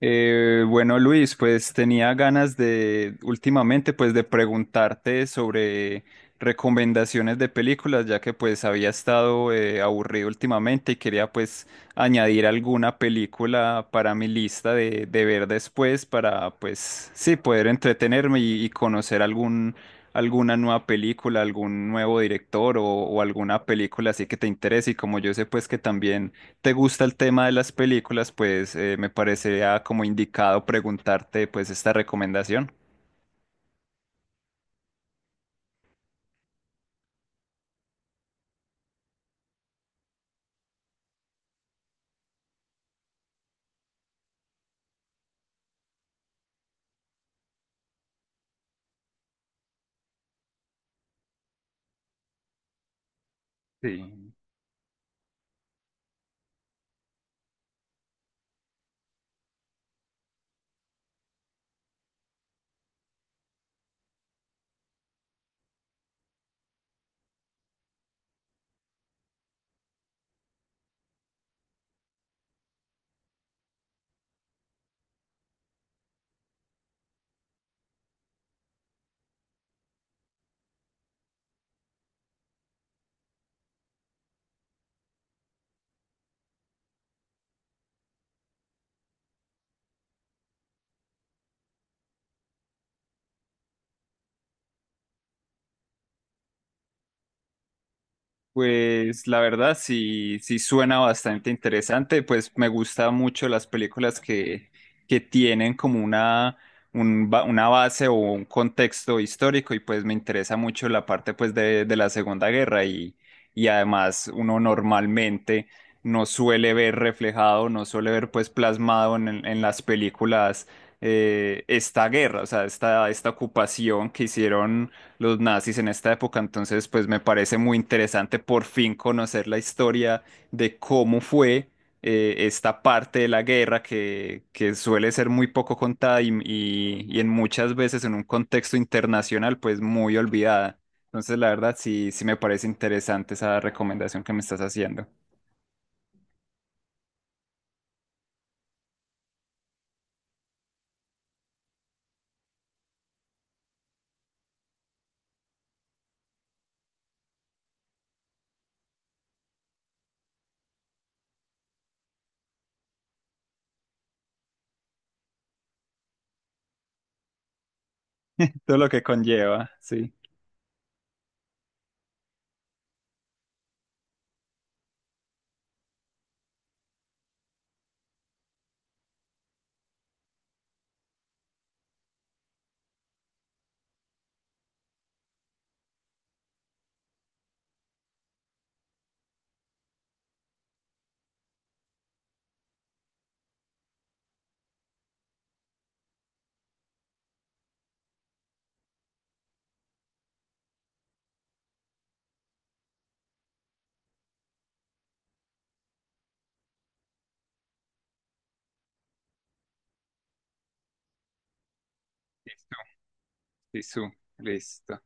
Bueno, Luis, pues tenía ganas de últimamente pues de preguntarte sobre recomendaciones de películas, ya que pues había estado aburrido últimamente y quería pues añadir alguna película para mi lista de ver después para pues sí poder entretenerme y conocer algún alguna nueva película, algún nuevo director o alguna película así que te interese y como yo sé pues que también te gusta el tema de las películas, pues me parecería como indicado preguntarte pues esta recomendación. Sí. Pues la verdad sí, sí suena bastante interesante, pues me gusta mucho las películas que tienen como una, una base o un contexto histórico y pues me interesa mucho la parte pues de la Segunda Guerra y además uno normalmente no suele ver reflejado, no suele ver pues plasmado en las películas esta guerra, o sea, esta ocupación que hicieron los nazis en esta época, entonces pues me parece muy interesante por fin conocer la historia de cómo fue, esta parte de la guerra que suele ser muy poco contada y en muchas veces en un contexto internacional pues muy olvidada. Entonces la verdad sí, sí me parece interesante esa recomendación que me estás haciendo. Todo lo que conlleva, sí. Listo, listo, listo.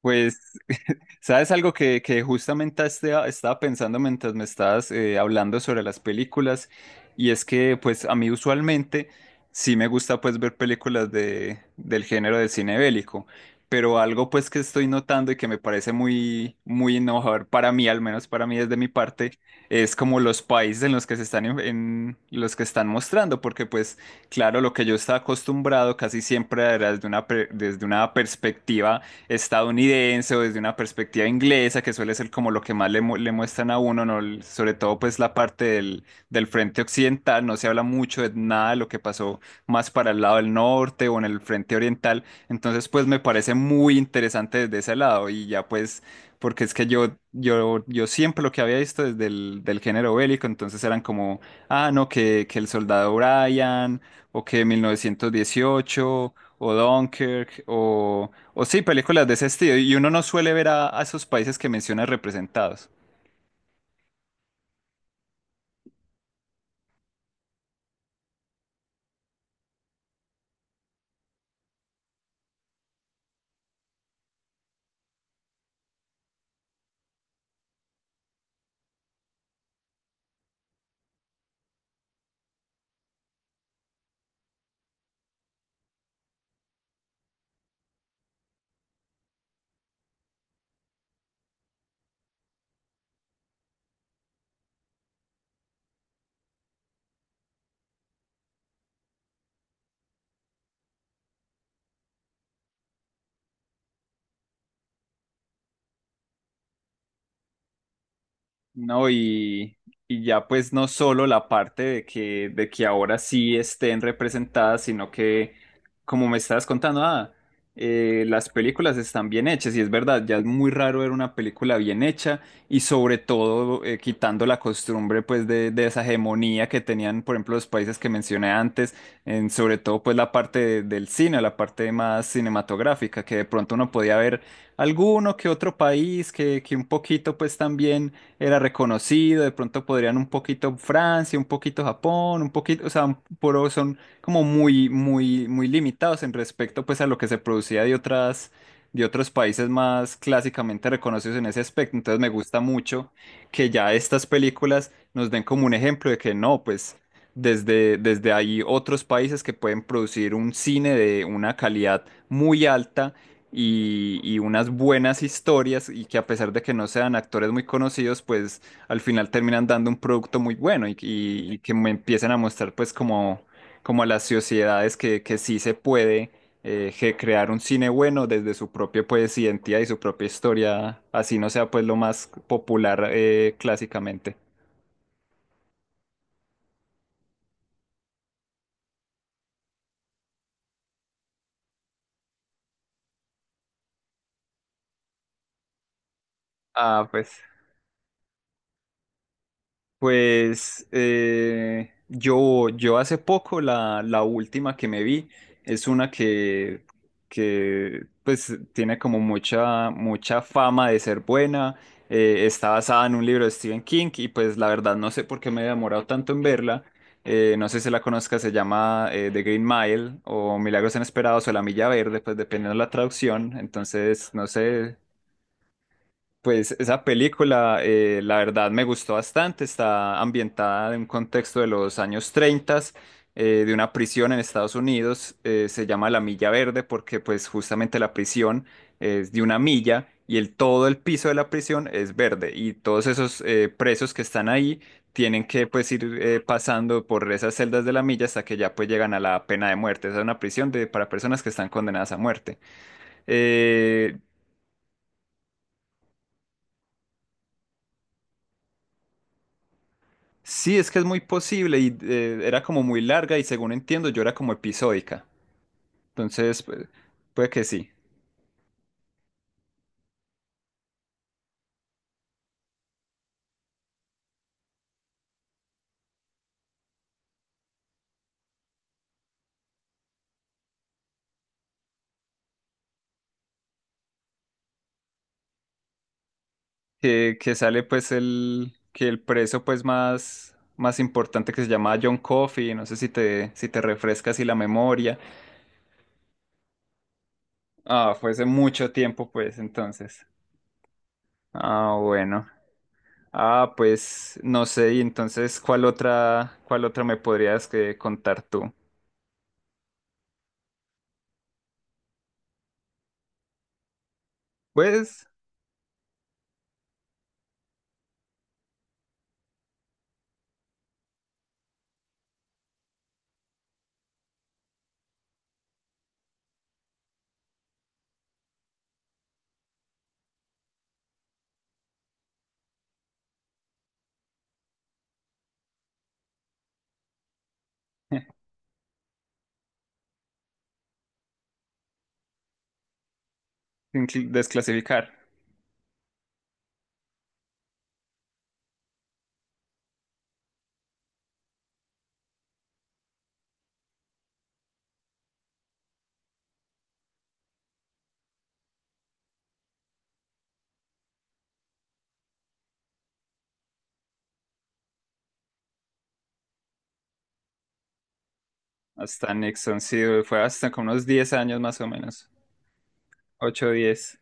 Pues, ¿sabes algo que justamente estaba pensando mientras me estabas hablando sobre las películas? Y es que, pues, a mí usualmente sí me gusta, pues, ver películas del género de cine bélico, pero algo, pues, que estoy notando y que me parece muy, muy innovador para mí, al menos para mí desde mi parte, es como los países en los que se están, en los que están mostrando, porque, pues, claro, lo que yo estaba acostumbrado casi siempre era desde una, desde una perspectiva estadounidense o desde una perspectiva inglesa, que suele ser como lo que más le, le muestran a uno, ¿no? Sobre todo pues la parte del, del frente occidental, no se habla mucho de nada de lo que pasó más para el lado del norte o en el frente oriental, entonces pues me parece muy interesante desde ese lado y ya pues porque es que yo siempre lo que había visto desde el del género bélico, entonces eran como, ah, no, que el soldado Brian o que 1918 o Dunkirk o... O sí, películas de ese estilo. Y uno no suele ver a esos países que mencionas representados. No, y ya pues no solo la parte de que ahora sí estén representadas, sino que, como me estabas contando, ah, las películas están bien hechas, y es verdad, ya es muy raro ver una película bien hecha, y sobre todo quitando la costumbre pues de esa hegemonía que tenían, por ejemplo, los países que mencioné antes, en, sobre todo pues la parte del cine, la parte más cinematográfica, que de pronto uno podía ver alguno que otro país que un poquito pues también era reconocido, de pronto podrían un poquito Francia, un poquito Japón, un poquito, o sea, un- pero son como muy, muy, muy limitados en respecto pues a lo que se producía de otras, de otros países más clásicamente reconocidos en ese aspecto. Entonces me gusta mucho que ya estas películas nos den como un ejemplo de que no, pues desde, desde ahí otros países que pueden producir un cine de una calidad muy alta y unas buenas historias y que a pesar de que no sean actores muy conocidos, pues al final terminan dando un producto muy bueno y que me empiecen a mostrar pues como, como a las sociedades que sí se puede crear un cine bueno desde su propia pues identidad y su propia historia, así no sea pues lo más popular clásicamente. Ah, pues. Pues yo hace poco la última que me vi es una que pues tiene como mucha, mucha fama de ser buena. Está basada en un libro de Stephen King y pues la verdad no sé por qué me he demorado tanto en verla. No sé si la conozcas, se llama The Green Mile o Milagros Inesperados o La Milla Verde, pues dependiendo de la traducción. Entonces, no sé, pues esa película, la verdad, me gustó bastante. Está ambientada en un contexto de los años 30, de una prisión en Estados Unidos. Eh, se llama La Milla Verde porque, pues, justamente la prisión es de una milla y el, todo el piso de la prisión es verde. Y todos esos presos que están ahí tienen que, pues, ir pasando por esas celdas de la milla hasta que ya, pues, llegan a la pena de muerte. Esa es una prisión de, para personas que están condenadas a muerte. Eh, Sí, es que es muy posible y era como muy larga y según entiendo yo era como episódica. Entonces, pues, puede que sí. Que sale pues el, que el preso pues más, más importante que se llamaba John Coffey, no sé si te, si te refresca así la memoria. Ah, fue hace mucho tiempo pues entonces. Ah, bueno. Ah, pues no sé, y entonces cuál otra me podrías que contar tú? Pues, sin cl- desclasificar. Hasta Nixon, sí, güey, fue hasta como unos 10 años más o menos, 8, o 10.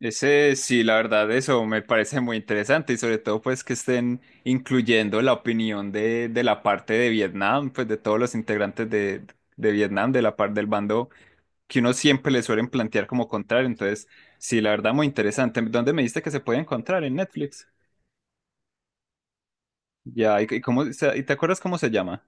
Ese, sí, la verdad, eso me parece muy interesante y sobre todo pues que estén incluyendo la opinión de la parte de Vietnam, pues de todos los integrantes de Vietnam, de la parte del bando que uno siempre le suelen plantear como contrario. Entonces, sí, la verdad, muy interesante. ¿Dónde me dijiste que se puede encontrar? En Netflix. Ya, ¿ y cómo, y te acuerdas cómo se llama?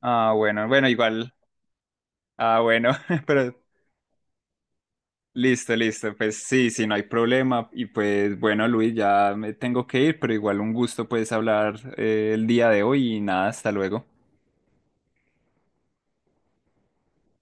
Ah, bueno, bueno, igual. Ah, bueno, pero listo, listo. Pues sí, sí, no hay problema. Y pues bueno, Luis, ya me tengo que ir, pero igual un gusto pues hablar el día de hoy y nada, hasta luego.